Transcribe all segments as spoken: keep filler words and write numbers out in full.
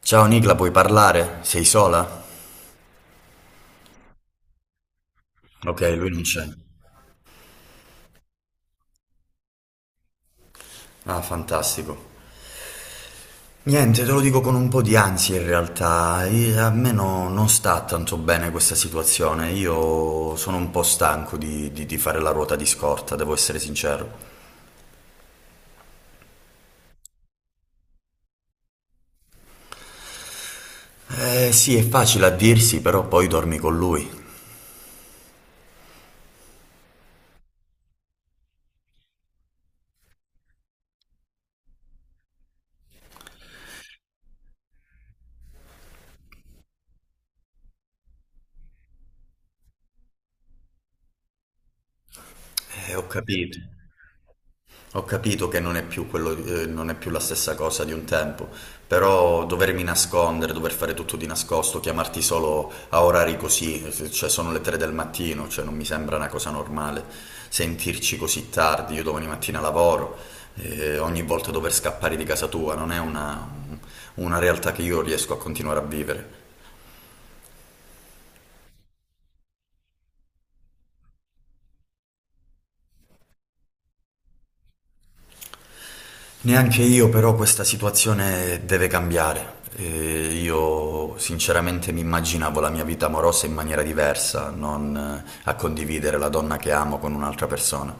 Ciao Nicla, puoi parlare? Sei sola? Ok, lui non c'è. Ah, fantastico. Niente, te lo dico con un po' di ansia in realtà. I- A me no- non sta tanto bene questa situazione. Io sono un po' stanco di, di- di fare la ruota di scorta, devo essere sincero. Eh sì, è facile a dirsi, però poi dormi con lui. Eh, ho capito. Ho capito che non è più quello, eh, non è più la stessa cosa di un tempo, però dovermi nascondere, dover fare tutto di nascosto, chiamarti solo a orari così, eh, cioè sono le tre del mattino, cioè non mi sembra una cosa normale sentirci così tardi, io domani mattina lavoro, eh, ogni volta dover scappare di casa tua, non è una, una realtà che io riesco a continuare a vivere. Neanche io, però questa situazione deve cambiare. Eh, io sinceramente mi immaginavo la mia vita amorosa in maniera diversa, non eh, a condividere la donna che amo con un'altra persona.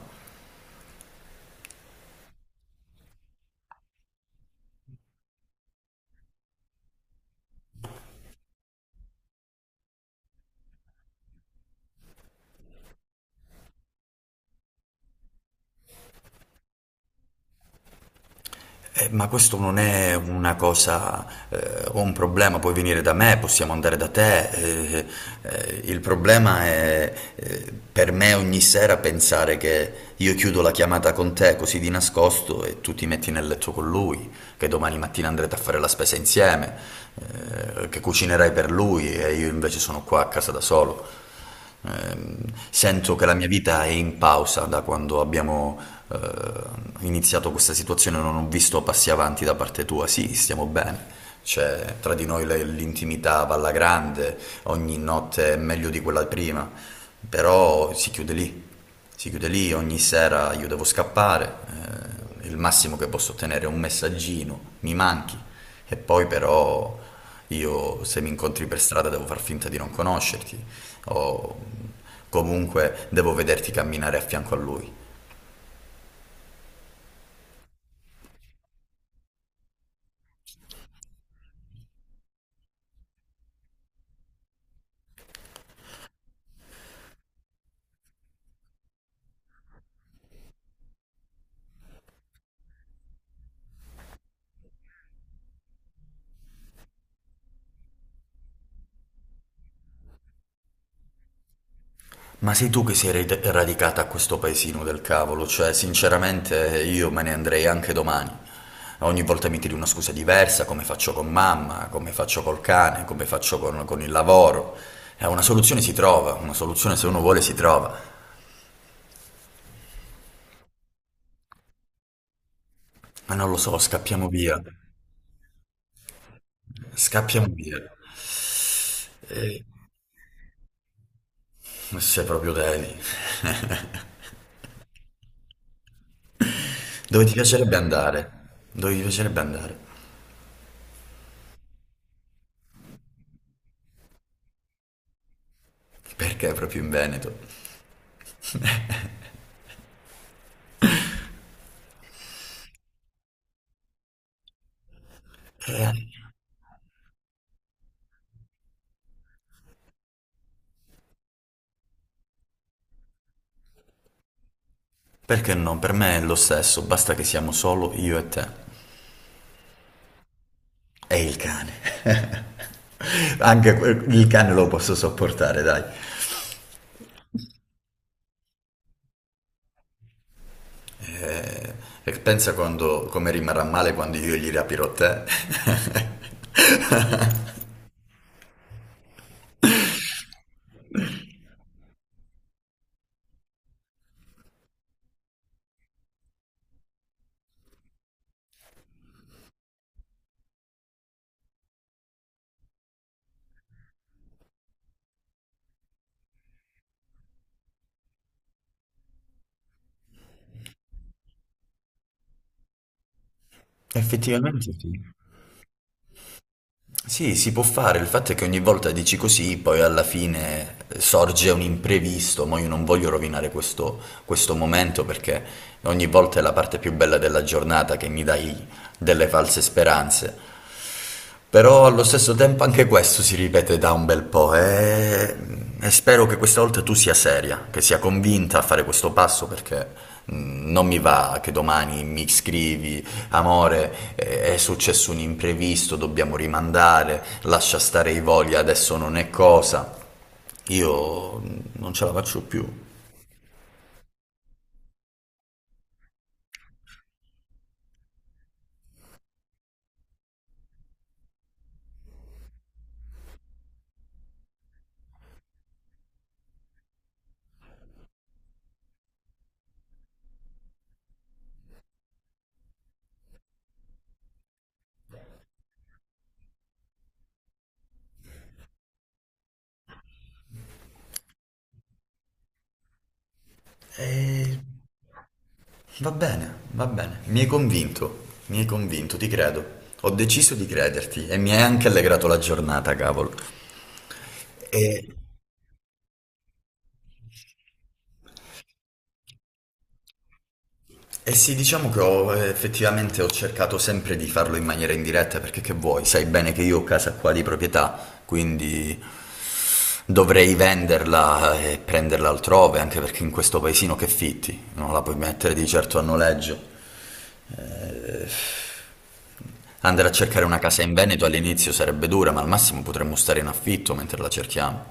Eh, ma questo non è una cosa eh, o un problema, puoi venire da me, possiamo andare da te. Eh, eh, il problema è eh, per me ogni sera pensare che io chiudo la chiamata con te così di nascosto e tu ti metti nel letto con lui, che domani mattina andrete a fare la spesa insieme, eh, che cucinerai per lui e io invece sono qua a casa da solo. Ehm, Sento che la mia vita è in pausa da quando abbiamo eh, iniziato questa situazione, non ho visto passi avanti da parte tua. Sì, stiamo bene. C'è tra di noi le- l'intimità va alla grande, ogni notte è meglio di quella prima, però si chiude lì si chiude lì, ogni sera io devo scappare, eh, il massimo che posso ottenere è un messaggino, mi manchi, e poi però io se mi incontri per strada devo far finta di non conoscerti, o comunque devo vederti camminare a fianco a lui. Ma sei tu che sei rade- radicata a questo paesino del cavolo, cioè sinceramente io me ne andrei anche domani. Ogni volta mi tiri una scusa diversa, come faccio con mamma, come faccio col cane, come faccio con, con il lavoro. Eh, una soluzione si trova, una soluzione se uno vuole si trova. Ma non lo so, scappiamo via. Scappiamo via. Eh, Se proprio devi. Dove ti piacerebbe andare? Dove ti piacerebbe andare? Perché proprio in Veneto? Perché no? Per me è lo stesso, basta che siamo solo io e te. E il cane. Anche que- il cane lo posso sopportare, dai. Eh, E pensa quando, come rimarrà male quando io gli rapirò te. Effettivamente sì. Sì, si può fare, il fatto è che ogni volta dici così, poi alla fine sorge un imprevisto, ma io non voglio rovinare questo, questo momento perché ogni volta è la parte più bella della giornata che mi dai delle false speranze. Però allo stesso tempo anche questo si ripete da un bel po' e... e spero che questa volta tu sia seria, che sia convinta a fare questo passo perché mh, non mi va che domani mi scrivi, amore, eh, è successo un imprevisto, dobbiamo rimandare, lascia stare i voli, adesso non è cosa. Io mh, non ce la faccio più. Eh, Va bene, va bene. Mi hai convinto, mi hai convinto, ti credo. Ho deciso di crederti e mi hai anche allegrato la giornata, cavolo. E, e sì, diciamo che ho, eh, effettivamente ho cercato sempre di farlo in maniera indiretta perché che vuoi, sai bene che io ho casa qua di proprietà, quindi dovrei venderla e prenderla altrove, anche perché in questo paesino che fitti, non la puoi mettere di certo a noleggio. Eh, Andare a cercare una casa in Veneto all'inizio sarebbe dura, ma al massimo potremmo stare in affitto mentre la cerchiamo.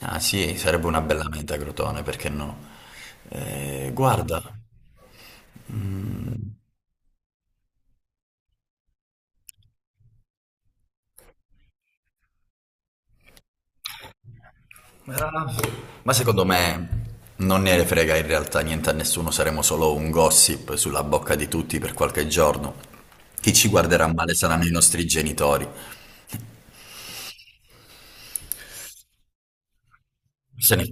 Ah sì, sarebbe una bella meta, Crotone, perché no? Eh, guarda, ma ma secondo me non ne frega in realtà niente a nessuno, saremo solo un gossip sulla bocca di tutti per qualche giorno. Chi ci guarderà male saranno i nostri genitori. Se ne...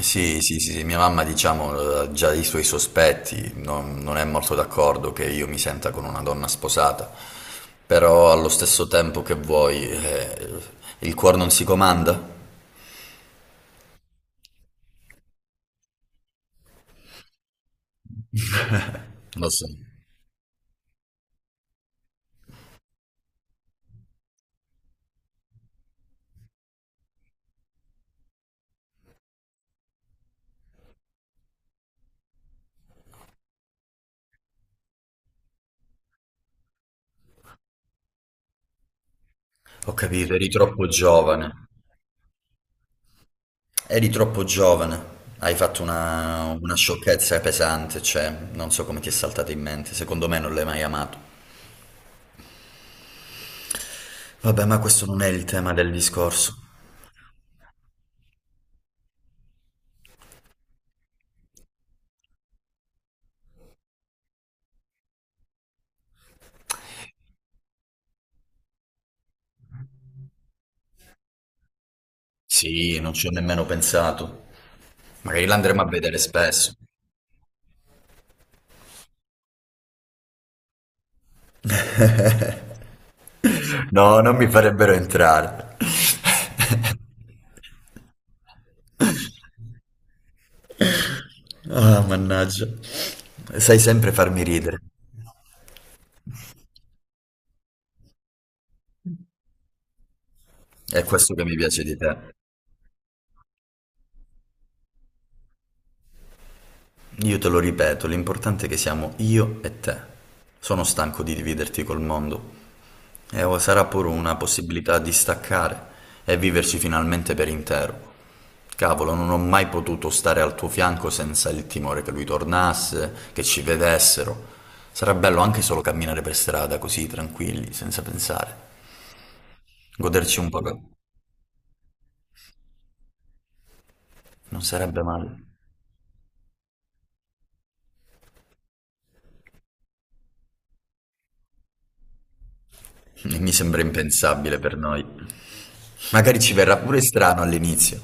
Sì, sì, sì, sì, mia mamma diciamo ha già ha i suoi sospetti, non, non è molto d'accordo che io mi senta con una donna sposata, però allo stesso tempo che vuoi, eh, il cuore non si comanda? Lo so, ho capito, eri troppo giovane, eri troppo giovane, hai fatto una, una sciocchezza pesante, cioè non so come ti è saltata in mente, secondo me non l'hai mai amato. Vabbè, ma questo non è il tema del discorso. Sì, non ci ho nemmeno pensato. Magari l'andremo a vedere spesso. No, non mi farebbero entrare. Ah, mannaggia. Sai sempre farmi ridere. È questo che mi piace di te. Io te lo ripeto, l'importante è che siamo io e te. Sono stanco di dividerti col mondo. E o sarà pure una possibilità di staccare e viverci finalmente per intero. Cavolo, non ho mai potuto stare al tuo fianco senza il timore che lui tornasse, che ci vedessero. Sarà bello anche solo camminare per strada così tranquilli, senza pensare. Goderci un po'. co- Non sarebbe male. E mi sembra impensabile per noi. Magari ci verrà pure strano all'inizio.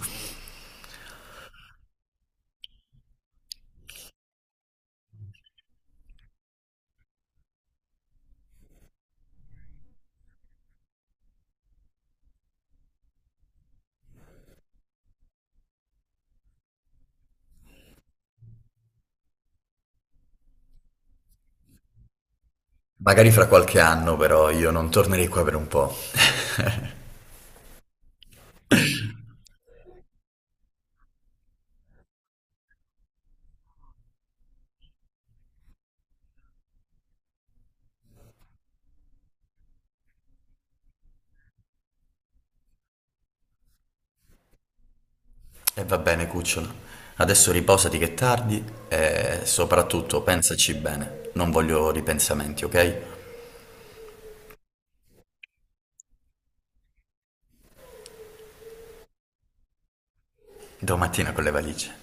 Magari fra qualche anno, però, io non tornerei qua per un po'. E va bene, cucciolo. Adesso riposati che è tardi e soprattutto pensaci bene. Non voglio ripensamenti, ok? Domattina con le valigie.